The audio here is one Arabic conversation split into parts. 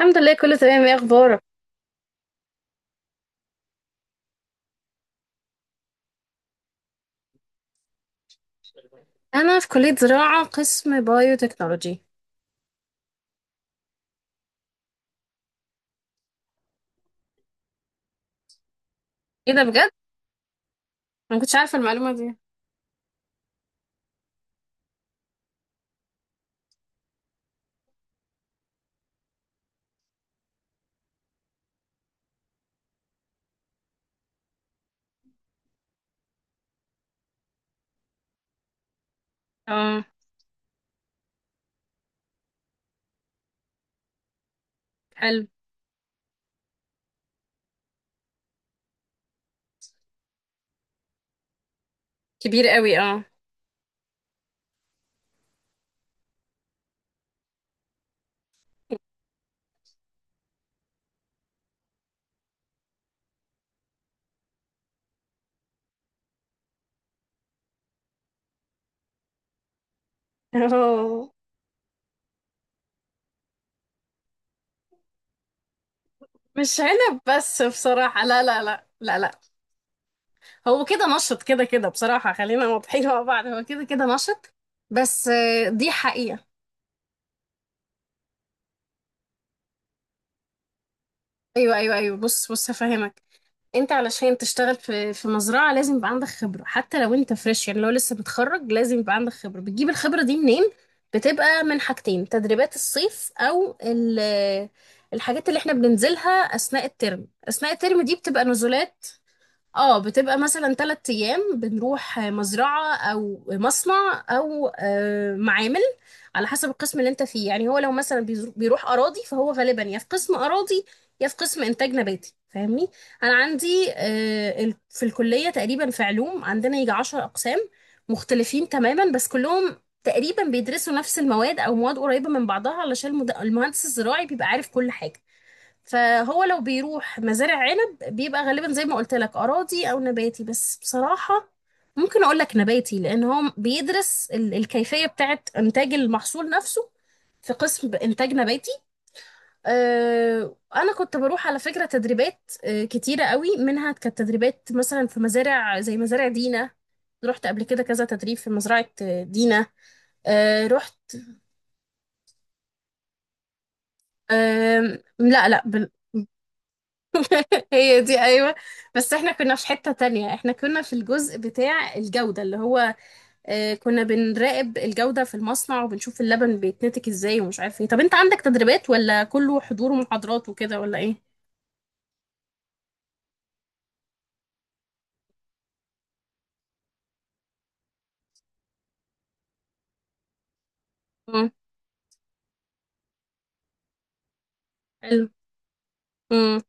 الحمد لله، كله تمام. ايه اخبارك؟ انا في كليه زراعه، قسم بايو تكنولوجي. ايه ده؟ بجد انا ما كنتش عارفه المعلومه دي. اه، حلو. كبير قوي، اه. أوه. مش عنب بس بصراحه، لا لا لا لا لا. هو كده نشط كده كده، بصراحه خلينا واضحين مع بعض، هو كده كده نشط. بس دي حقيقه. ايوه ايوه ايوه، بص بص هفهمك. انت علشان تشتغل في في مزرعة لازم يبقى عندك خبرة، حتى لو انت فريش، يعني لو لسه متخرج لازم يبقى عندك خبرة. بتجيب الخبرة دي منين؟ بتبقى من حاجتين: تدريبات الصيف، او الحاجات اللي احنا بننزلها اثناء الترم. اثناء الترم دي بتبقى نزولات. اه، بتبقى مثلا 3 ايام بنروح مزرعة او مصنع او معامل، على حسب القسم اللي انت فيه. يعني هو لو مثلا بيروح اراضي، فهو غالبا يا في قسم اراضي، يا في قسم انتاج نباتي، فاهمني؟ انا عندي في الكلية تقريبا، في علوم، عندنا يجي 10 اقسام مختلفين تماما، بس كلهم تقريبا بيدرسوا نفس المواد او مواد قريبة من بعضها، علشان المهندس الزراعي بيبقى عارف كل حاجة. فهو لو بيروح مزارع عنب بيبقى غالبا، زي ما قلت لك، أراضي أو نباتي. بس بصراحة ممكن أقول لك نباتي، لأن هو بيدرس الكيفية بتاعة إنتاج المحصول نفسه، في قسم إنتاج نباتي. أنا كنت بروح على فكرة تدريبات كتيرة قوي، منها كانت تدريبات مثلا في مزارع زي مزارع دينا. رحت قبل كده كذا تدريب في مزرعة دينا. رحت. لا لا. هي دي، ايوه، بس احنا كنا في حتة تانية. احنا كنا في الجزء بتاع الجودة، اللي هو اه كنا بنراقب الجودة في المصنع وبنشوف اللبن بيتنتج ازاي ومش عارف ايه. طب انت عندك تدريبات ولا كله حضور ومحاضرات وكده ولا ايه؟ امم حلو. امم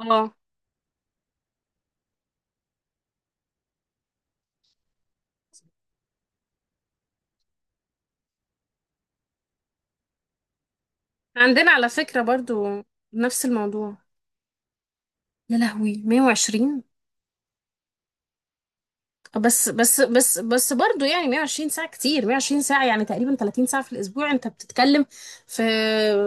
اه عندنا على فكرة برضو نفس الموضوع. يا لهوي، 120! بس بس بس بس برضه، يعني 120 ساعة كتير. 120 ساعة يعني تقريبا 30 ساعة في الأسبوع، أنت بتتكلم في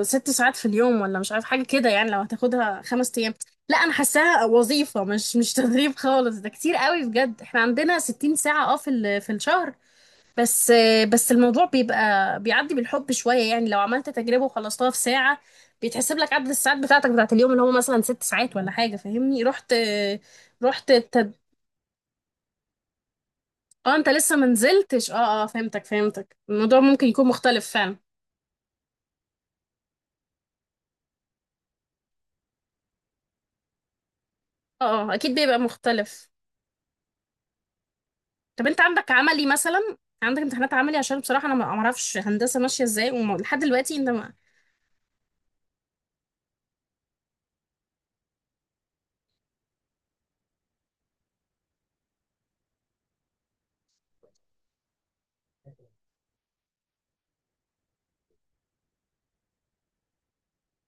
6 ساعات في اليوم ولا مش عارف، حاجة كده يعني لو هتاخدها 5 أيام. لا، أنا حاساها وظيفة، مش تدريب خالص. ده كتير قوي بجد. احنا عندنا 60 ساعة، اه، في في الشهر. بس بس الموضوع بيبقى بيعدي بالحب شوية. يعني لو عملت تجربة وخلصتها في ساعة بيتحسب لك عدد الساعات بتاعتك بتاعت اليوم، اللي هو مثلا 6 ساعات ولا حاجة، فاهمني؟ رحت رحت. اه، انت لسه منزلتش. اه اه، فهمتك فهمتك. الموضوع ممكن يكون مختلف فعلا. اه اه، اكيد بيبقى مختلف. طب انت عندك عملي مثلا؟ عندك امتحانات عملي؟ عشان بصراحة انا ما ما اعرفش هندسة ماشية ازاي، ولحد دلوقتي انت ما...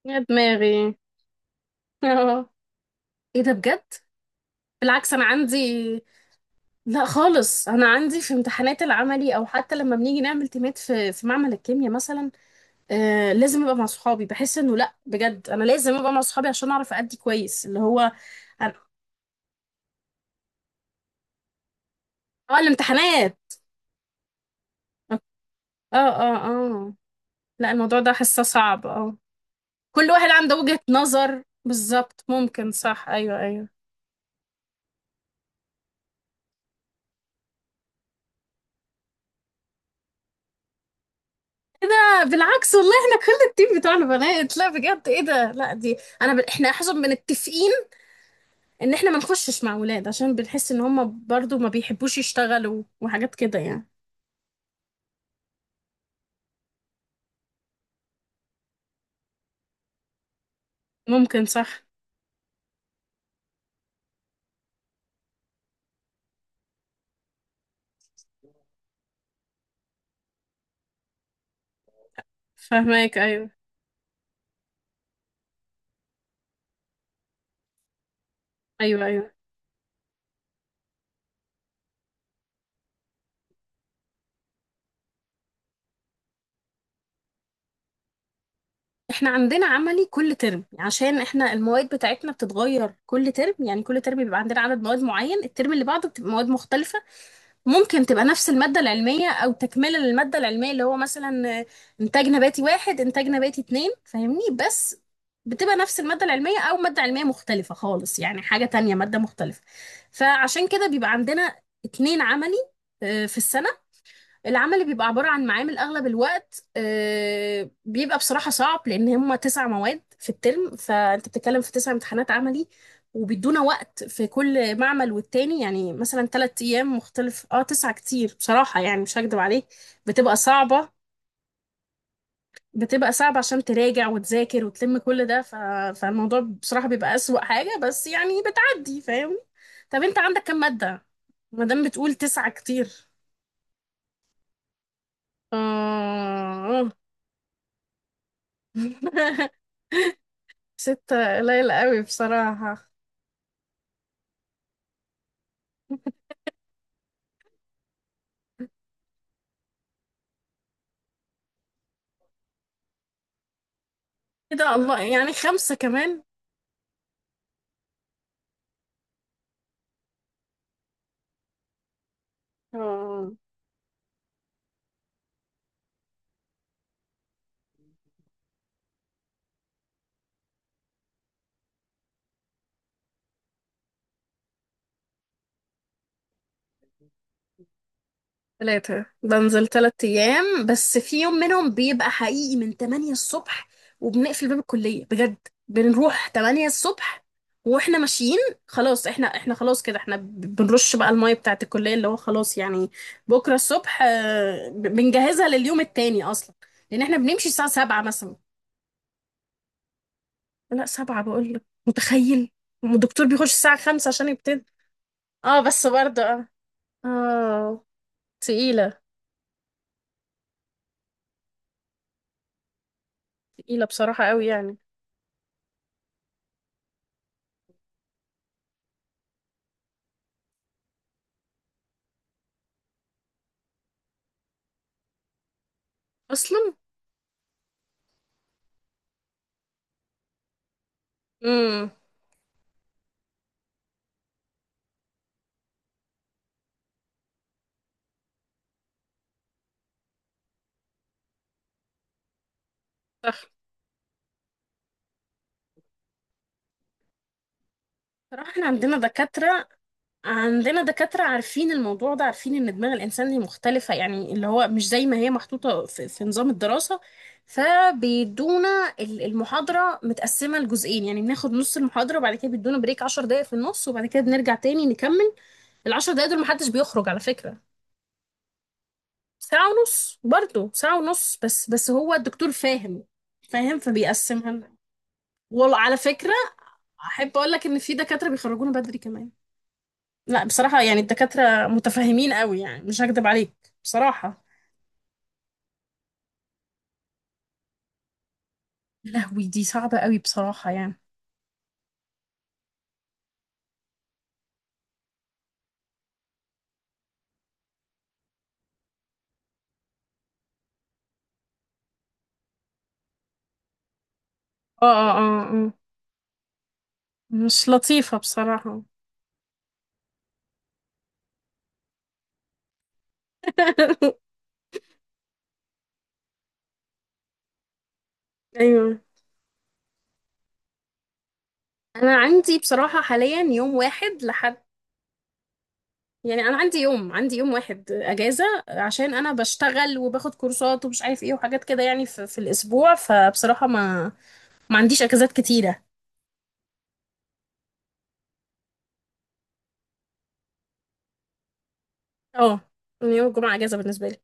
يا دماغي! اه، ايه ده؟ بجد بالعكس انا عندي. لا خالص، انا عندي في امتحانات العملي، او حتى لما بنيجي نعمل تيمات في في معمل الكيمياء مثلا، لازم ابقى مع صحابي، بحس انه لا بجد انا لازم ابقى مع صحابي عشان اعرف ادي كويس، اللي هو اه الامتحانات. اه اه اه، لا، الموضوع ده حاسه صعب، اه. كل واحد عنده وجهة نظر، بالظبط، ممكن. صح، ايوه ايوه. ايه ده؟ بالعكس والله، احنا كل التيم بتوع البنات، لا بجد ايه ده، لا دي، احنا متفقين ان احنا ما نخشش مع ولاد، عشان بنحس ان هم برضو ما بيحبوش يشتغلوا وحاجات كده يعني. ممكن صح. فهماك، ايوه ايوه ايوه. احنا عندنا عملي كل ترم، عشان احنا المواد بتاعتنا بتتغير كل ترم. يعني كل ترم بيبقى عندنا عدد مواد معين، الترم اللي بعده بتبقى مواد مختلفة. ممكن تبقى نفس المادة العلمية او تكملة للمادة العلمية، اللي هو مثلا انتاج نباتي 1، انتاج نباتي 2، فاهمني؟ بس بتبقى نفس المادة العلمية او مادة علمية مختلفة خالص، يعني حاجة تانية، مادة مختلفة. فعشان كده بيبقى عندنا 2 عملي في السنة. العمل اللي بيبقى عبارة عن معامل أغلب الوقت، بيبقى بصراحة صعب، لأن هما 9 مواد في الترم، فأنت بتتكلم في 9 امتحانات عملي. وبيدونا وقت في كل معمل والتاني يعني مثلا 3 أيام مختلف. اه، 9 كتير بصراحة يعني، مش هكدب عليك. بتبقى صعبة بتبقى صعبة عشان تراجع وتذاكر وتلم كل ده. فالموضوع بصراحة بيبقى أسوأ حاجة، بس يعني بتعدي، فاهم؟ طب أنت عندك كم مادة؟ مادام بتقول 9 كتير. آه، آه. 6 قليل قوي بصراحة. كده الله يعني 5 كمان. اه، 3؟ بنزل 3 أيام، بس في يوم منهم بيبقى حقيقي من 8 الصبح، وبنقفل باب الكلية بجد. بنروح 8 الصبح واحنا ماشيين خلاص، احنا خلاص كده، احنا بنرش بقى المية بتاعت الكلية، اللي هو خلاص يعني بكرة الصبح بنجهزها لليوم التاني أصلا، لأن احنا بنمشي الساعة 7 مثلا. لا 7 بقول لك، متخيل؟ الدكتور بيخش الساعة 5 عشان يبتدي. اه بس برضه، اه اه، تقيلة. تقيلة بصراحة قوي يعني، اصلا. امم صح. بصراحة احنا عندنا دكاترة، عندنا دكاترة عارفين الموضوع ده، عارفين ان دماغ الانسان دي مختلفة، يعني اللي هو مش زي ما هي محطوطة في, في نظام الدراسة. فبيدونا المحاضرة متقسمة لجزئين. يعني بناخد نص المحاضرة وبعد كده بيدونا بريك 10 دقايق في النص، وبعد كده بنرجع تاني نكمل. العشر دقايق دول محدش بيخرج على فكرة. ساعة ونص برضه. ساعة ونص بس بس هو الدكتور فاهم فاهم، فبيقسمها لنا. وعلى فكرة، أحب أقول لك إن في دكاترة بيخرجونا بدري كمان. لا بصراحة يعني الدكاترة متفاهمين قوي، يعني مش هكدب عليك بصراحة. يا لهوي، دي صعبة قوي بصراحة يعني. اه اه اه، آه. مش لطيفة بصراحة. أيوه. أنا عندي بصراحة حاليا يوم واحد لحد، يعني انا عندي يوم واحد اجازه، عشان انا بشتغل وباخد كورسات ومش عارف ايه وحاجات كده يعني في, في الاسبوع. فبصراحه ما ما عنديش اجازات كتيره. اه، يعني يوم الجمعه اجازه بالنسبه لي.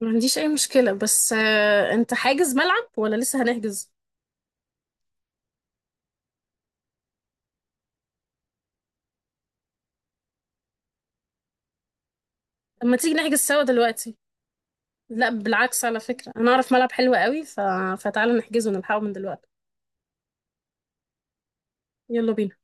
ما عنديش اي مشكله، بس انت حاجز ملعب ولا لسه هنحجز؟ اما تيجي نحجز سوا دلوقتي. لا بالعكس، على فكره انا اعرف ملعب حلو قوي، فتعالى نحجزه ونلحقه من دلوقتي. يلا بينا.